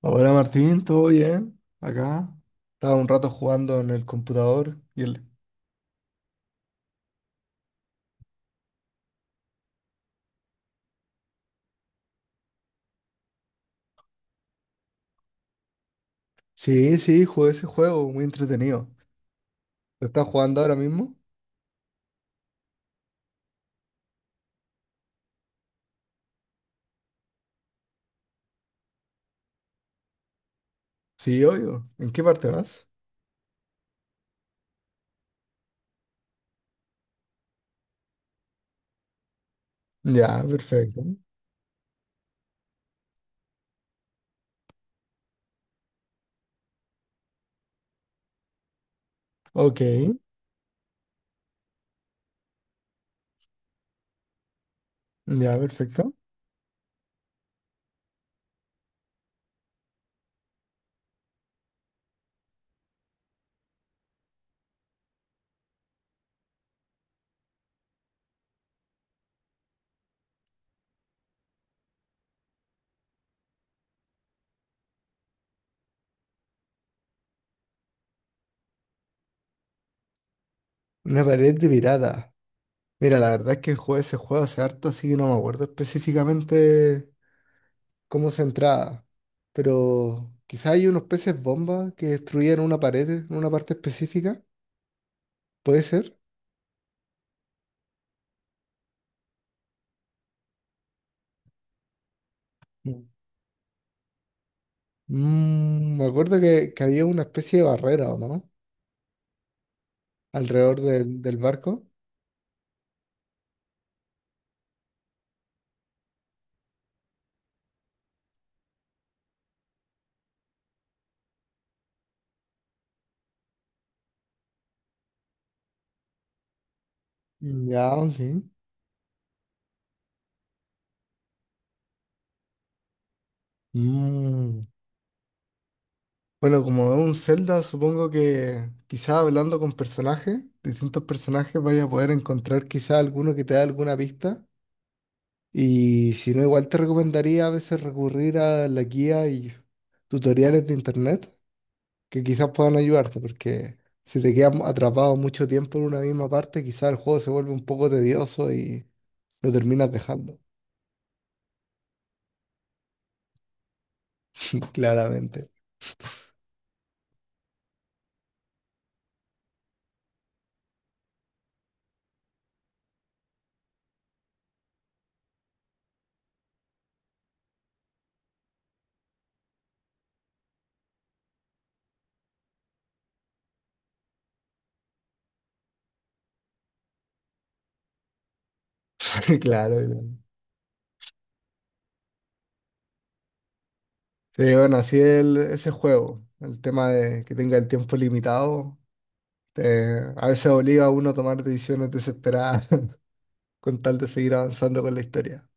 Hola Martín, ¿todo bien? Acá. Estaba un rato jugando en el computador y el... Sí, sí, jugué ese juego, muy entretenido. ¿Lo estás jugando ahora mismo? Sí, obvio. ¿En qué parte vas? Ya, perfecto. Ok, ya, perfecto. Una pared de pirata. Mira, la verdad es que jugué ese juego hace harto, así que no me acuerdo específicamente cómo se entraba. Pero quizá hay unos peces bomba que destruían una pared en una parte específica. ¿Puede ser? Mm. Mm, me acuerdo que había una especie de barrera, ¿o no? Alrededor del barco. Ya, ok. Mm. Bueno, como es un Zelda, supongo que quizás hablando con personajes, distintos personajes, vaya a poder encontrar quizás alguno que te dé alguna pista. Y si no, igual te recomendaría a veces recurrir a la guía y tutoriales de internet que quizás puedan ayudarte, porque si te quedas atrapado mucho tiempo en una misma parte, quizás el juego se vuelve un poco tedioso y lo terminas dejando. Claramente. Claro. Claro. Sí, bueno, así es ese juego. El tema de que tenga el tiempo limitado, a veces obliga a uno a tomar decisiones desesperadas con tal de seguir avanzando con la historia.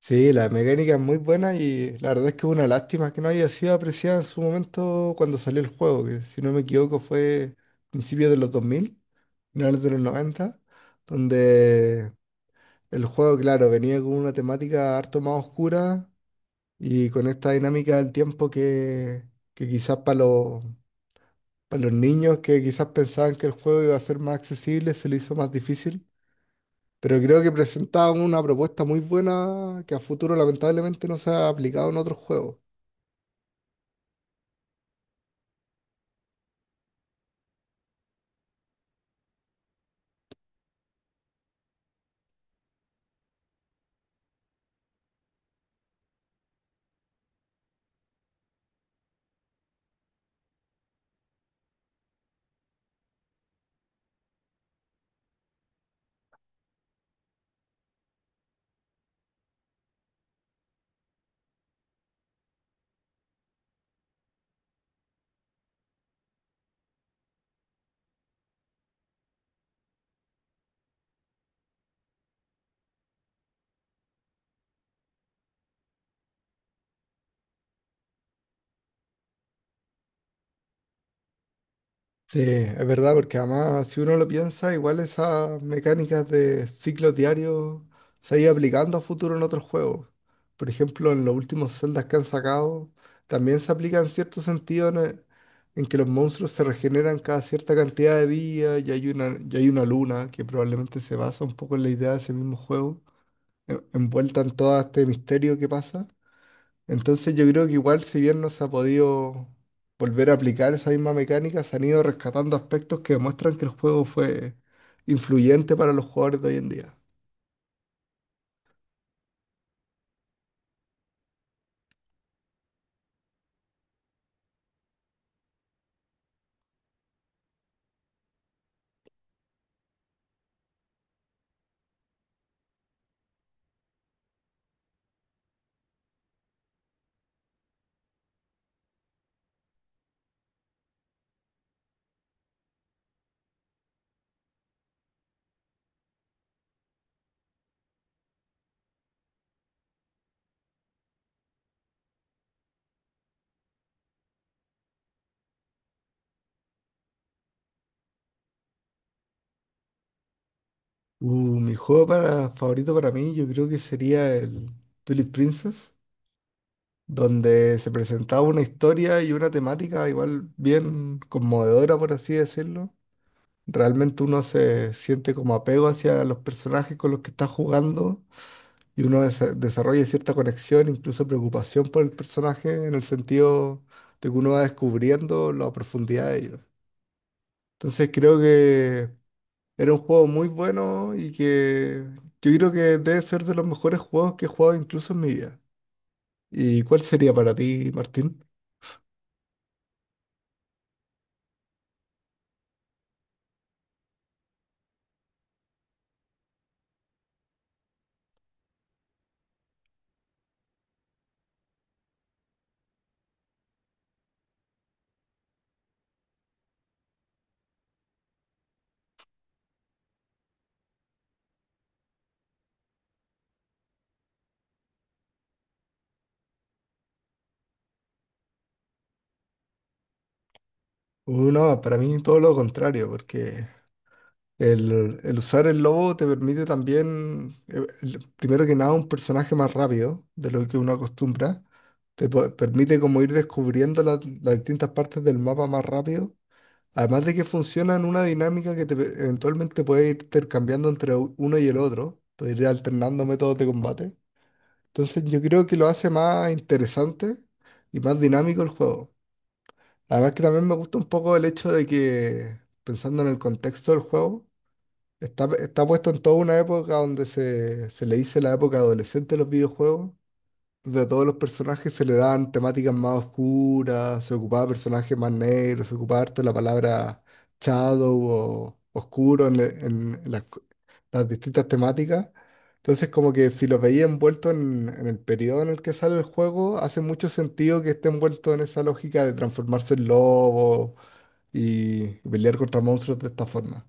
Sí, la mecánica es muy buena y la verdad es que es una lástima que no haya sido apreciada en su momento cuando salió el juego, que si no me equivoco fue principios de los 2000, finales de los 90, donde el juego, claro, venía con una temática harto más oscura y con esta dinámica del tiempo que quizás para los niños que quizás pensaban que el juego iba a ser más accesible, se le hizo más difícil. Pero creo que presentaban una propuesta muy buena que a futuro lamentablemente no se ha aplicado en otros juegos. Sí, es verdad, porque además si uno lo piensa, igual esas mecánicas de ciclos diarios se han ido aplicando a futuro en otros juegos. Por ejemplo, en los últimos Zeldas que han sacado, también se aplica en cierto sentido en que los monstruos se regeneran cada cierta cantidad de días y hay una luna que probablemente se basa un poco en la idea de ese mismo juego, envuelta en todo este misterio que pasa. Entonces yo creo que igual si bien no se ha podido volver a aplicar esa misma mecánica, se han ido rescatando aspectos que demuestran que el juego fue influyente para los jugadores de hoy en día. Mi juego favorito para mí yo creo que sería el Twilight Princess, donde se presentaba una historia y una temática igual bien conmovedora, por así decirlo. Realmente uno se siente como apego hacia los personajes con los que está jugando y uno desarrolla cierta conexión, incluso preocupación por el personaje, en el sentido de que uno va descubriendo la profundidad de ellos. Entonces creo que era un juego muy bueno y que yo creo que debe ser de los mejores juegos que he jugado incluso en mi vida. ¿Y cuál sería para ti, Martín? No, para mí todo lo contrario, porque el usar el lobo te permite también, primero que nada, un personaje más rápido de lo que uno acostumbra. Permite como ir descubriendo las distintas partes del mapa más rápido. Además de que funciona en una dinámica que te, eventualmente puede ir intercambiando entre uno y el otro. Puedes ir alternando métodos de combate. Entonces yo creo que lo hace más interesante y más dinámico el juego. Además que también me gusta un poco el hecho de que, pensando en el contexto del juego, está puesto en toda una época donde se le dice la época adolescente de los videojuegos, entonces a todos los personajes se le dan temáticas más oscuras, se ocupaba personajes más negros, se ocupaba harto la palabra shadow o oscuro en las distintas temáticas. Entonces como que si los veía envuelto en el periodo en el que sale el juego, hace mucho sentido que esté envuelto en esa lógica de transformarse en lobo y pelear contra monstruos de esta forma,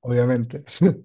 obviamente.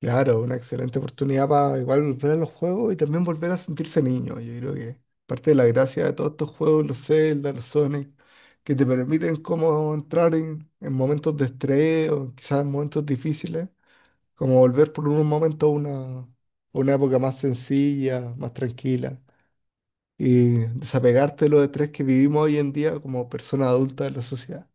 Claro, una excelente oportunidad para igual volver a los juegos y también volver a sentirse niño. Yo creo que parte de la gracia de todos estos juegos, los Zelda, los Sonic, que te permiten como entrar en momentos de estrés o quizás en momentos difíciles, como volver por un momento a una época más sencilla, más tranquila y desapegarte de los estrés que vivimos hoy en día como persona adulta de la sociedad.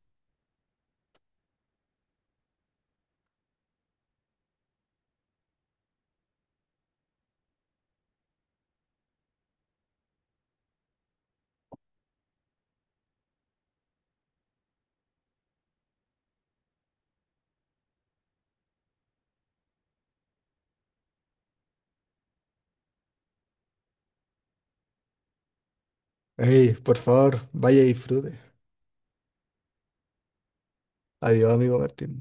Ey, por favor, vaya y disfrute. Adiós, amigo Martín.